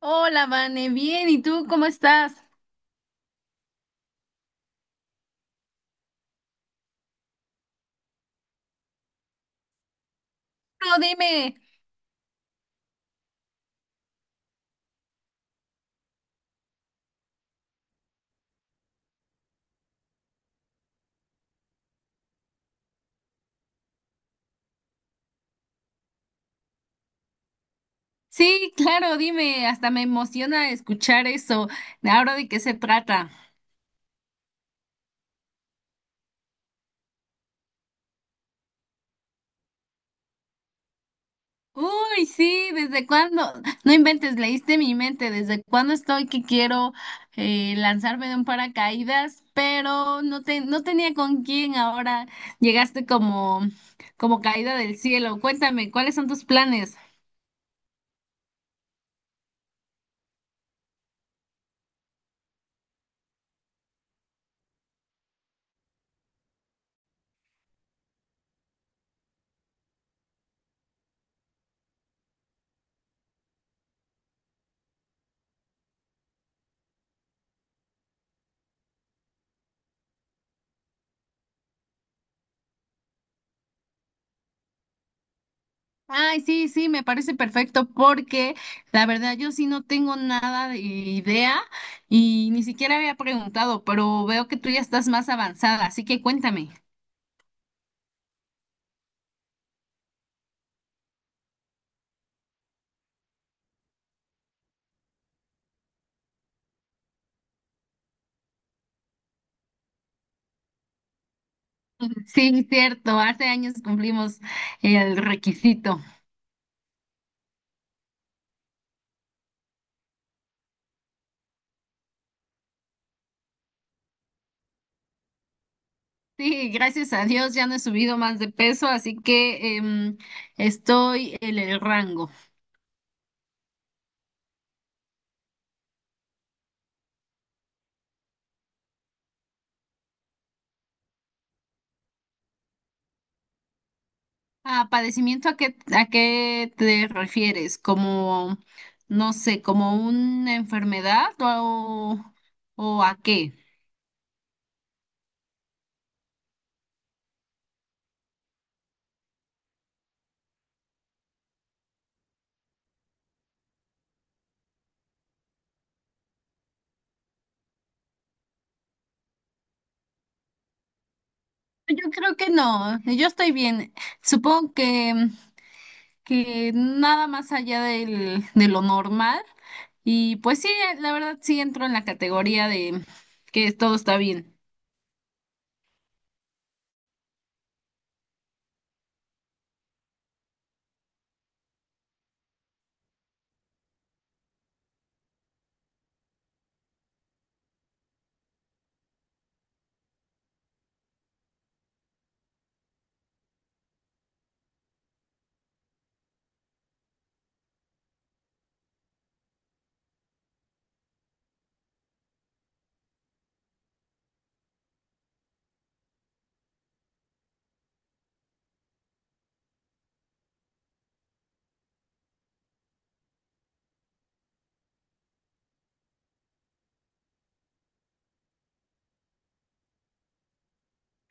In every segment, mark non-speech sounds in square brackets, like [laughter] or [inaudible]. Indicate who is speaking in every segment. Speaker 1: Hola, Vane, bien, ¿y tú cómo estás? No, dime. Sí, claro, dime, hasta me emociona escuchar eso. ¿Ahora de qué se trata? Uy, sí, ¿desde cuándo? No inventes, leíste mi mente, ¿desde cuándo estoy que quiero lanzarme de un paracaídas? Pero no, no tenía con quién, ahora llegaste como, como caída del cielo. Cuéntame, ¿cuáles son tus planes? Ay, sí, sí, me parece perfecto porque la verdad yo sí no tengo nada de idea y ni siquiera había preguntado, pero veo que tú ya estás más avanzada, así que cuéntame. Sí, cierto, hace años cumplimos el requisito. Sí, gracias a Dios ya no he subido más de peso, así que estoy en el rango. Ah, padecimiento, ¿a qué te refieres? ¿Como, no sé, como una enfermedad o a qué? Yo creo que no, yo estoy bien. Supongo que nada más allá de lo normal. Y pues sí, la verdad sí entro en la categoría de que todo está bien.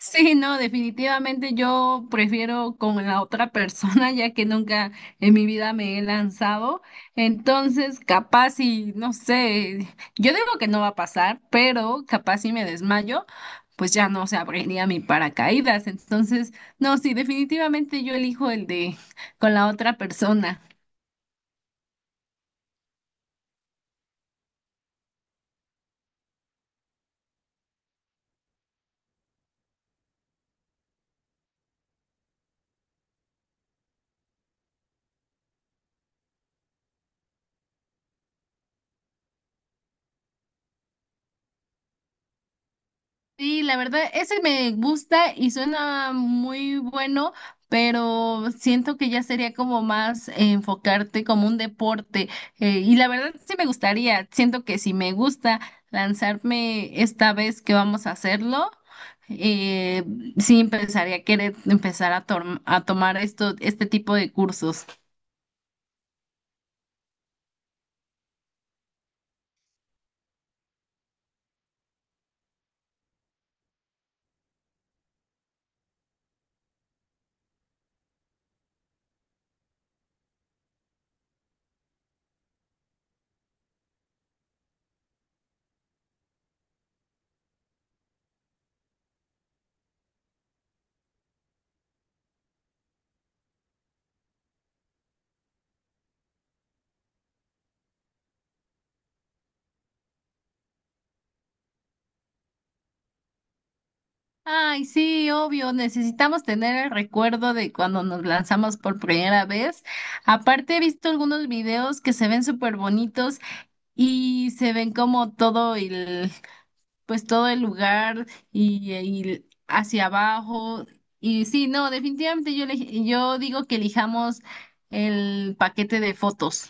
Speaker 1: Sí, no, definitivamente yo prefiero con la otra persona, [laughs] ya que nunca en mi vida me he lanzado. Entonces, capaz y no sé, yo digo que no va a pasar, pero capaz si me desmayo, pues ya no se abriría mi paracaídas. Entonces, no, sí, definitivamente yo elijo el de con la otra persona. Sí, la verdad, ese me gusta y suena muy bueno, pero siento que ya sería como más enfocarte como un deporte. Y la verdad sí me gustaría, siento que si me gusta lanzarme esta vez que vamos a hacerlo, eh, sí empezaría a querer empezar a tomar esto, este tipo de cursos. Ay, sí, obvio, necesitamos tener el recuerdo de cuando nos lanzamos por primera vez. Aparte, he visto algunos videos que se ven súper bonitos y se ven como todo pues todo el lugar y hacia abajo. Y sí, no, definitivamente yo digo que elijamos el paquete de fotos.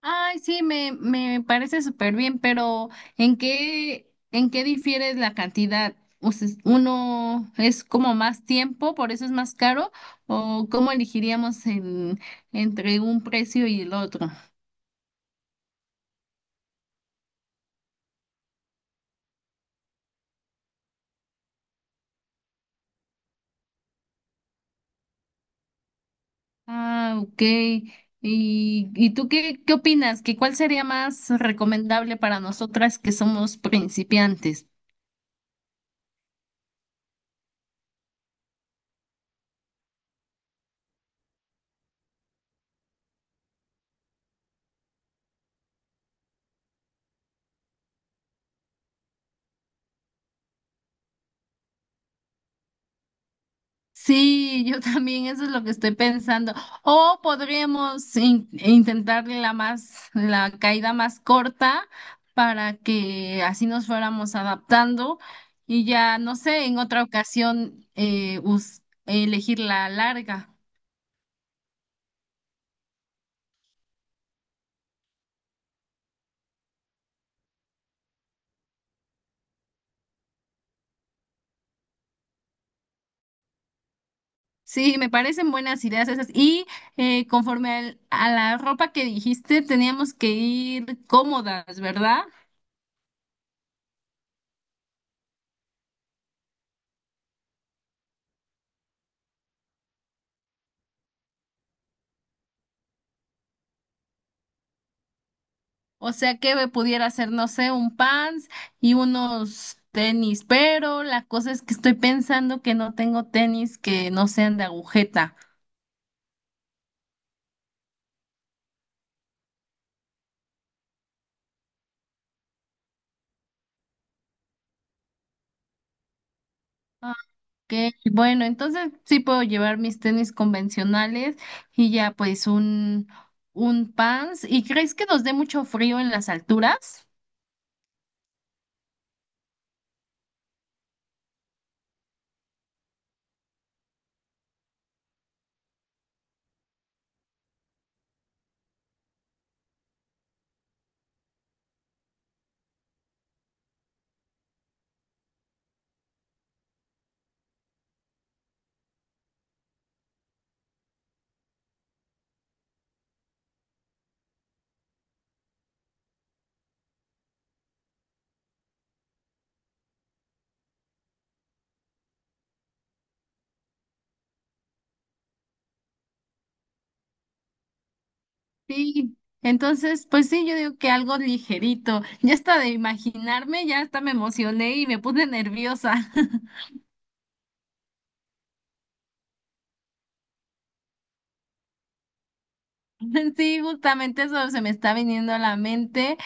Speaker 1: Ay, sí, me parece súper bien, pero ¿en qué difiere la cantidad? O sea, ¿uno es como más tiempo, por eso es más caro? ¿O cómo elegiríamos entre un precio y el otro? Ah, ok. ¿Y, y tú qué opinas? ¿Que cuál sería más recomendable para nosotras que somos principiantes? Sí, yo también, eso es lo que estoy pensando. O podríamos intentar la caída más corta para que así nos fuéramos adaptando y ya, no sé, en otra ocasión elegir la larga. Sí, me parecen buenas ideas esas. Y conforme a la ropa que dijiste, teníamos que ir cómodas, ¿verdad? O sea que me pudiera hacer, no sé, un pants y unos tenis, pero la cosa es que estoy pensando que no tengo tenis que no sean de agujeta. Ah, ok, bueno, entonces sí puedo llevar mis tenis convencionales y ya pues un pants. ¿Y crees que nos dé mucho frío en las alturas? Sí, entonces pues sí, yo digo que algo ligerito. Ya hasta de imaginarme, ya hasta me emocioné y me puse nerviosa. [laughs] [laughs] Sí, justamente eso se me está viniendo a la mente,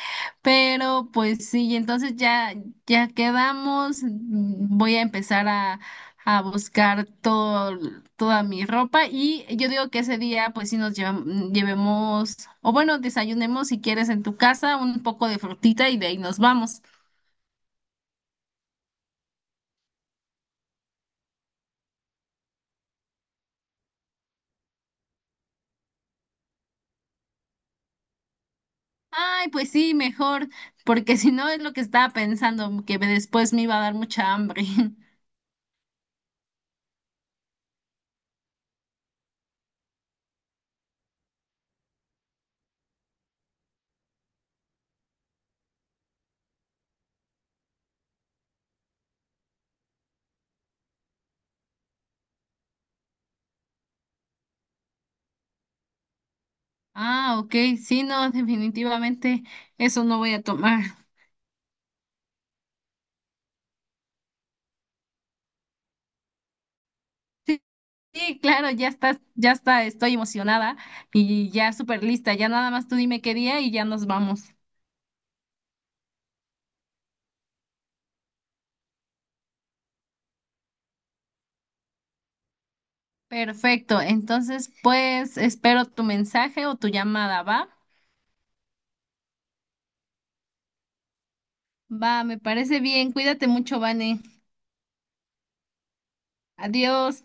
Speaker 1: pero pues sí, entonces ya, ya quedamos, voy a empezar a buscar todo, toda mi ropa y yo digo que ese día pues sí nos llevemos, o bueno, desayunemos si quieres en tu casa un poco de frutita y de ahí nos vamos. Ay, pues sí, mejor, porque [laughs] si no es lo que estaba pensando, que después me iba a dar mucha hambre. [laughs] Ah, ok, sí, no, [laughs] definitivamente eso no voy a tomar. Sí, sí, claro, ya está, estoy emocionada y ya súper lista. Ya nada más tú dime qué día y ya nos vamos. Perfecto, entonces pues espero tu mensaje o tu llamada, ¿va? Va, me parece bien, cuídate mucho, Vane. Adiós.